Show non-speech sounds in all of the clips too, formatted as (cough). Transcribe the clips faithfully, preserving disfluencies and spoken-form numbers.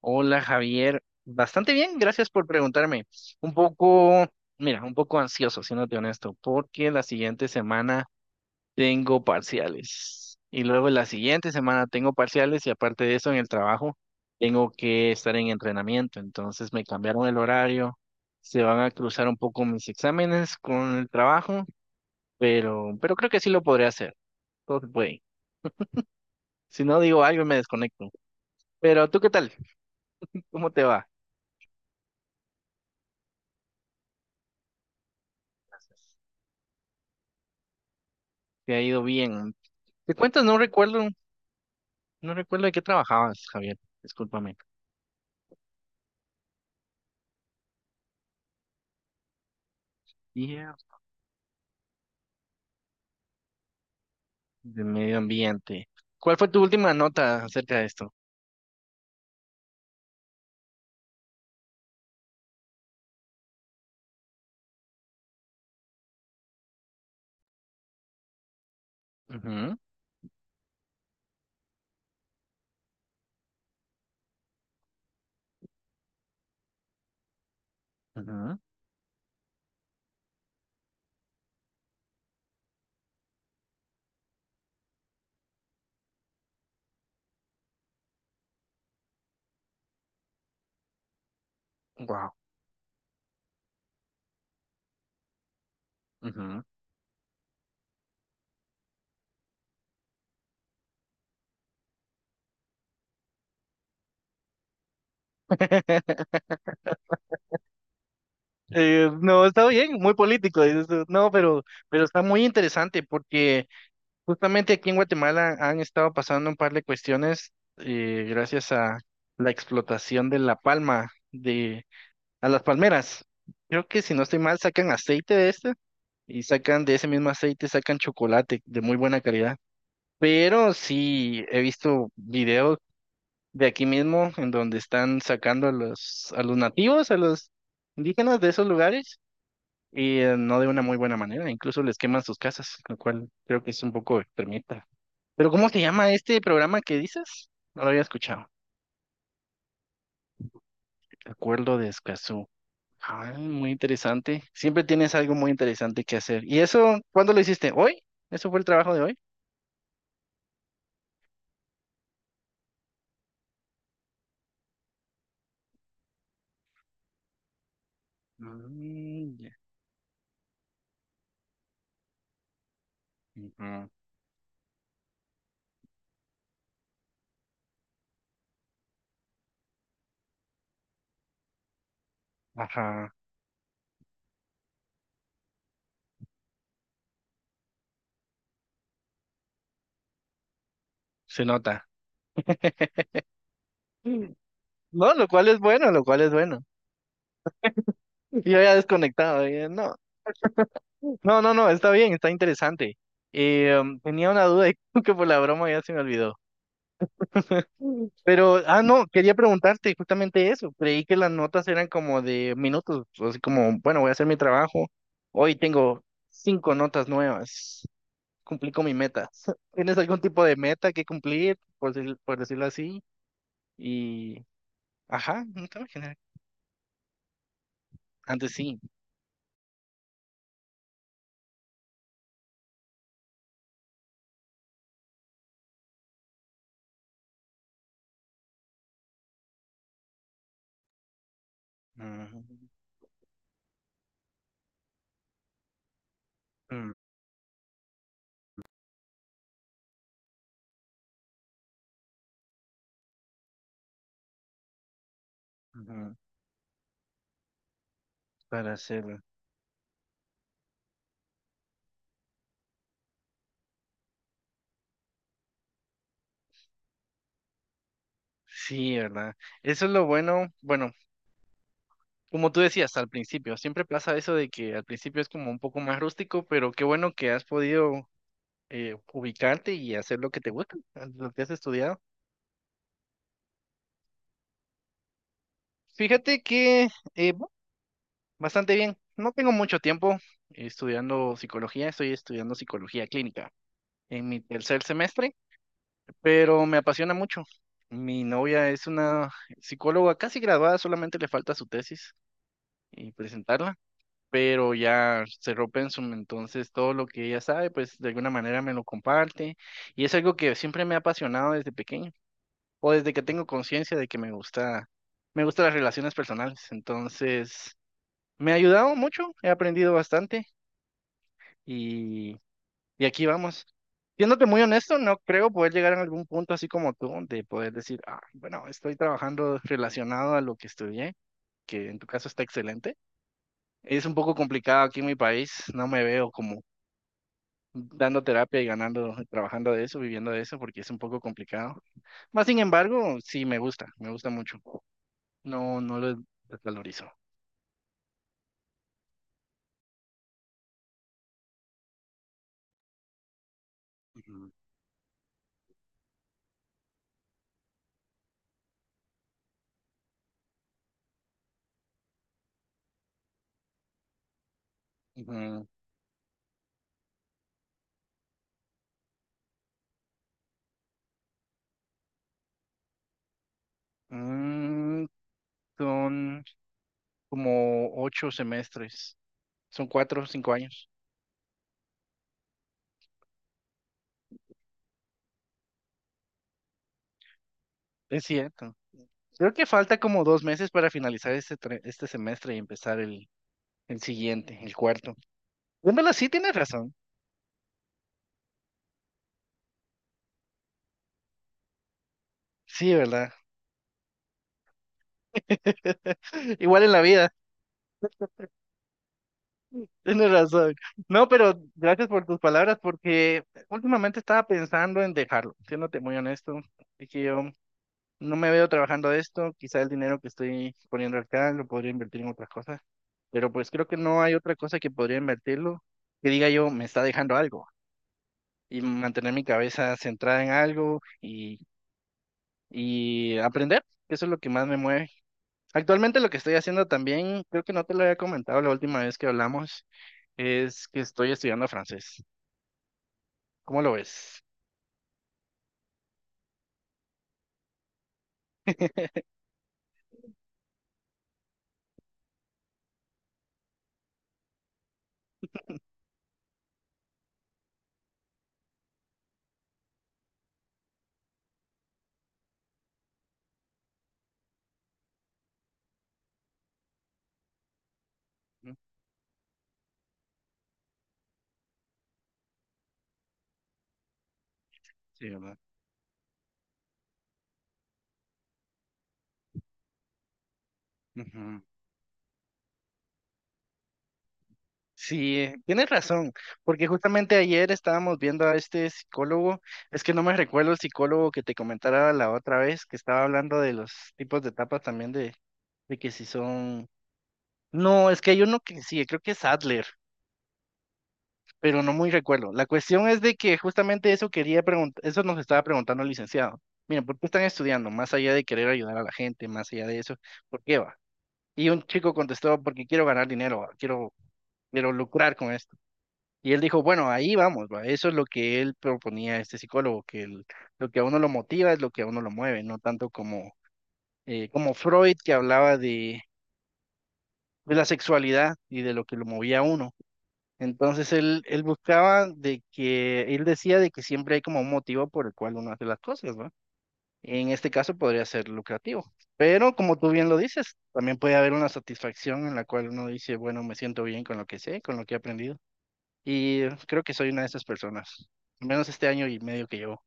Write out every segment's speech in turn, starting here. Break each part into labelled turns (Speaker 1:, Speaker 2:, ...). Speaker 1: Hola Javier, bastante bien, gracias por preguntarme. Un poco, mira, un poco ansioso, siéndote honesto, porque la siguiente semana tengo parciales y luego la siguiente semana tengo parciales y aparte de eso en el trabajo tengo que estar en entrenamiento, entonces me cambiaron el horario, se van a cruzar un poco mis exámenes con el trabajo, pero, pero creo que sí lo podré hacer, todo se puede. Si no digo algo me desconecto. Pero ¿tú qué tal? ¿Cómo te va? ¿Te ha ido bien? ¿Te cuentas? No recuerdo, no recuerdo de qué trabajabas, Javier. Discúlpame. Guía de medio ambiente. ¿Cuál fue tu última nota acerca de esto? Ujú. Ujú. Wow. Ujú. (laughs) Eh, no, está bien, muy político, dices tú. No, pero, pero está muy interesante porque justamente aquí en Guatemala han estado pasando un par de cuestiones eh, gracias a la explotación de la palma, de, a las palmeras. Creo que si no estoy mal, sacan aceite de este y sacan de ese mismo aceite, sacan chocolate de muy buena calidad. Pero sí he visto videos de aquí mismo en donde están sacando a los, a los nativos, a los indígenas de esos lugares y eh, no de una muy buena manera, incluso les queman sus casas, lo cual creo que es un poco extremista. Pero ¿cómo se llama este programa que dices? No lo había escuchado. Acuerdo de Escazú. Ah, muy interesante. Siempre tienes algo muy interesante que hacer. ¿Y eso cuándo lo hiciste? ¿Hoy? ¿Eso fue el trabajo de hoy? Mm, ya. Ujú. Ajá, se nota. Mm. No, lo cual es bueno, lo cual es bueno. (laughs) Yo ya desconectado, ya no. No, no, no, está bien, está interesante. Eh, um, tenía una duda y (laughs) creo que por la broma ya se me olvidó. Mm. Pero, ah, no, quería preguntarte justamente eso. Creí que las notas eran como de minutos, así como, bueno, voy a hacer mi trabajo. Hoy tengo cinco notas nuevas. Cumplí con mi meta. (laughs) ¿Tienes algún tipo de meta que cumplir, por, decir- por decirlo así? Y, ajá, no te imaginas. Antes sí. Ujú. Mm, ujú. Para hacerlo. Sí, ¿verdad? Eso es lo bueno. Bueno, como tú decías al principio, siempre pasa eso de que al principio es como un poco más rústico, pero qué bueno que has podido eh, ubicarte y hacer lo que te gusta, eh, lo que has estudiado. Fíjate que eh, bu- bastante bien. No tengo mucho tiempo estudiando psicología, estoy estudiando psicología clínica en mi tercer semestre. Pero me apasiona mucho. Mi novia es una psicóloga casi graduada, solamente le falta su tesis y presentarla, pero ya cerró Pensum, entonces todo lo que ella sabe, pues de alguna manera me lo comparte y es algo que siempre me ha apasionado desde pequeño o desde que tengo conciencia de que me gusta, me gustan las relaciones personales, entonces me ha ayudado mucho, he aprendido bastante. Y aquí vamos. Siéndote muy honesto, no creo poder llegar a algún punto así como tú, de poder decir, ah, bueno, estoy trabajando relacionado a lo que estudié, que en tu caso está excelente. Es un poco complicado aquí en mi país, no me veo como dando terapia y ganando, trabajando de eso, viviendo de eso, porque es un poco complicado. Más sin embargo, sí me gusta, me gusta mucho. No, no lo desvalorizo. Ujú. Ujú. Mm, son como ocho semestres, son cuatro o cinco años. Es cierto. Creo que falta como dos meses para finalizar este, tre- este semestre y empezar el, el siguiente, el cuarto. Bueno, en verdad, sí tienes razón. Sí, ¿verdad? (laughs) Igual en la vida, tienes razón. No, pero gracias por tus palabras porque últimamente estaba pensando en dejarlo, siéndote muy honesto. Es que yo no me veo trabajando de esto, quizá el dinero que estoy poniendo acá lo podría invertir en otras cosas, pero pues creo que no hay otra cosa que podría invertirlo que diga yo, me está dejando algo. Y mantener mi cabeza centrada en algo y, y aprender. Eso es lo que más me mueve. Actualmente lo que estoy haciendo también, creo que no te lo había comentado la última vez que hablamos, es que estoy estudiando francés. ¿Cómo lo ves? Mm. Sí, ¿verdad? Ujú. Sí, eh, tienes razón, porque justamente ayer estábamos viendo a este psicólogo, es que no me recuerdo el psicólogo que te comentaba la otra vez, que estaba hablando de los tipos de etapas también de, de que si son... No, es que hay uno que sí, creo que es Adler, pero no muy recuerdo. La cuestión es de que justamente eso quería preguntar, eso nos estaba preguntando el licenciado. Miren, ¿por qué están estudiando? Más allá de querer ayudar a la gente, más allá de eso, ¿por qué va? Y un chico contestó, porque quiero ganar dinero, va, quiero, quiero lucrar con esto. Y él dijo, bueno, ahí vamos, va. Eso es lo que él proponía a este psicólogo, que el- lo que a uno lo motiva es lo que a uno lo mueve, no tanto como, eh, como Freud que hablaba de, de la sexualidad y de lo que lo movía a uno. Entonces él, él buscaba de que, él decía de que siempre hay como un motivo por el cual uno hace las cosas, ¿no? En este caso podría ser lucrativo, pero como tú bien lo dices, también puede haber una satisfacción en la cual uno dice, bueno, me siento bien con lo que sé, con lo que he aprendido. Y creo que soy una de esas personas, al menos este año y medio que llevo.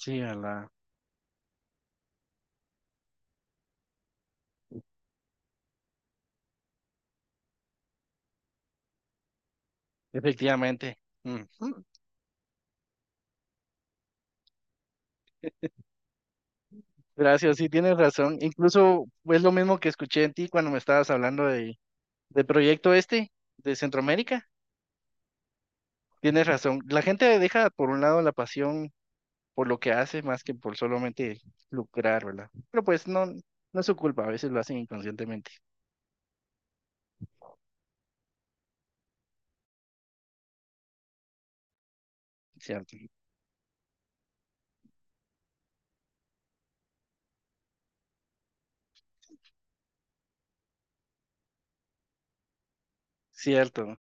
Speaker 1: Sí, a la... Efectivamente. Ujú. Gracias, sí, tienes razón. Incluso es lo mismo que escuché en ti cuando me estabas hablando de, del proyecto este de Centroamérica. Tienes razón. La gente deja por un lado la pasión por lo que hace más que por solamente lucrar, ¿verdad? Pero pues no, no es su culpa, a veces lo hacen inconscientemente, ¿cierto? Cierto.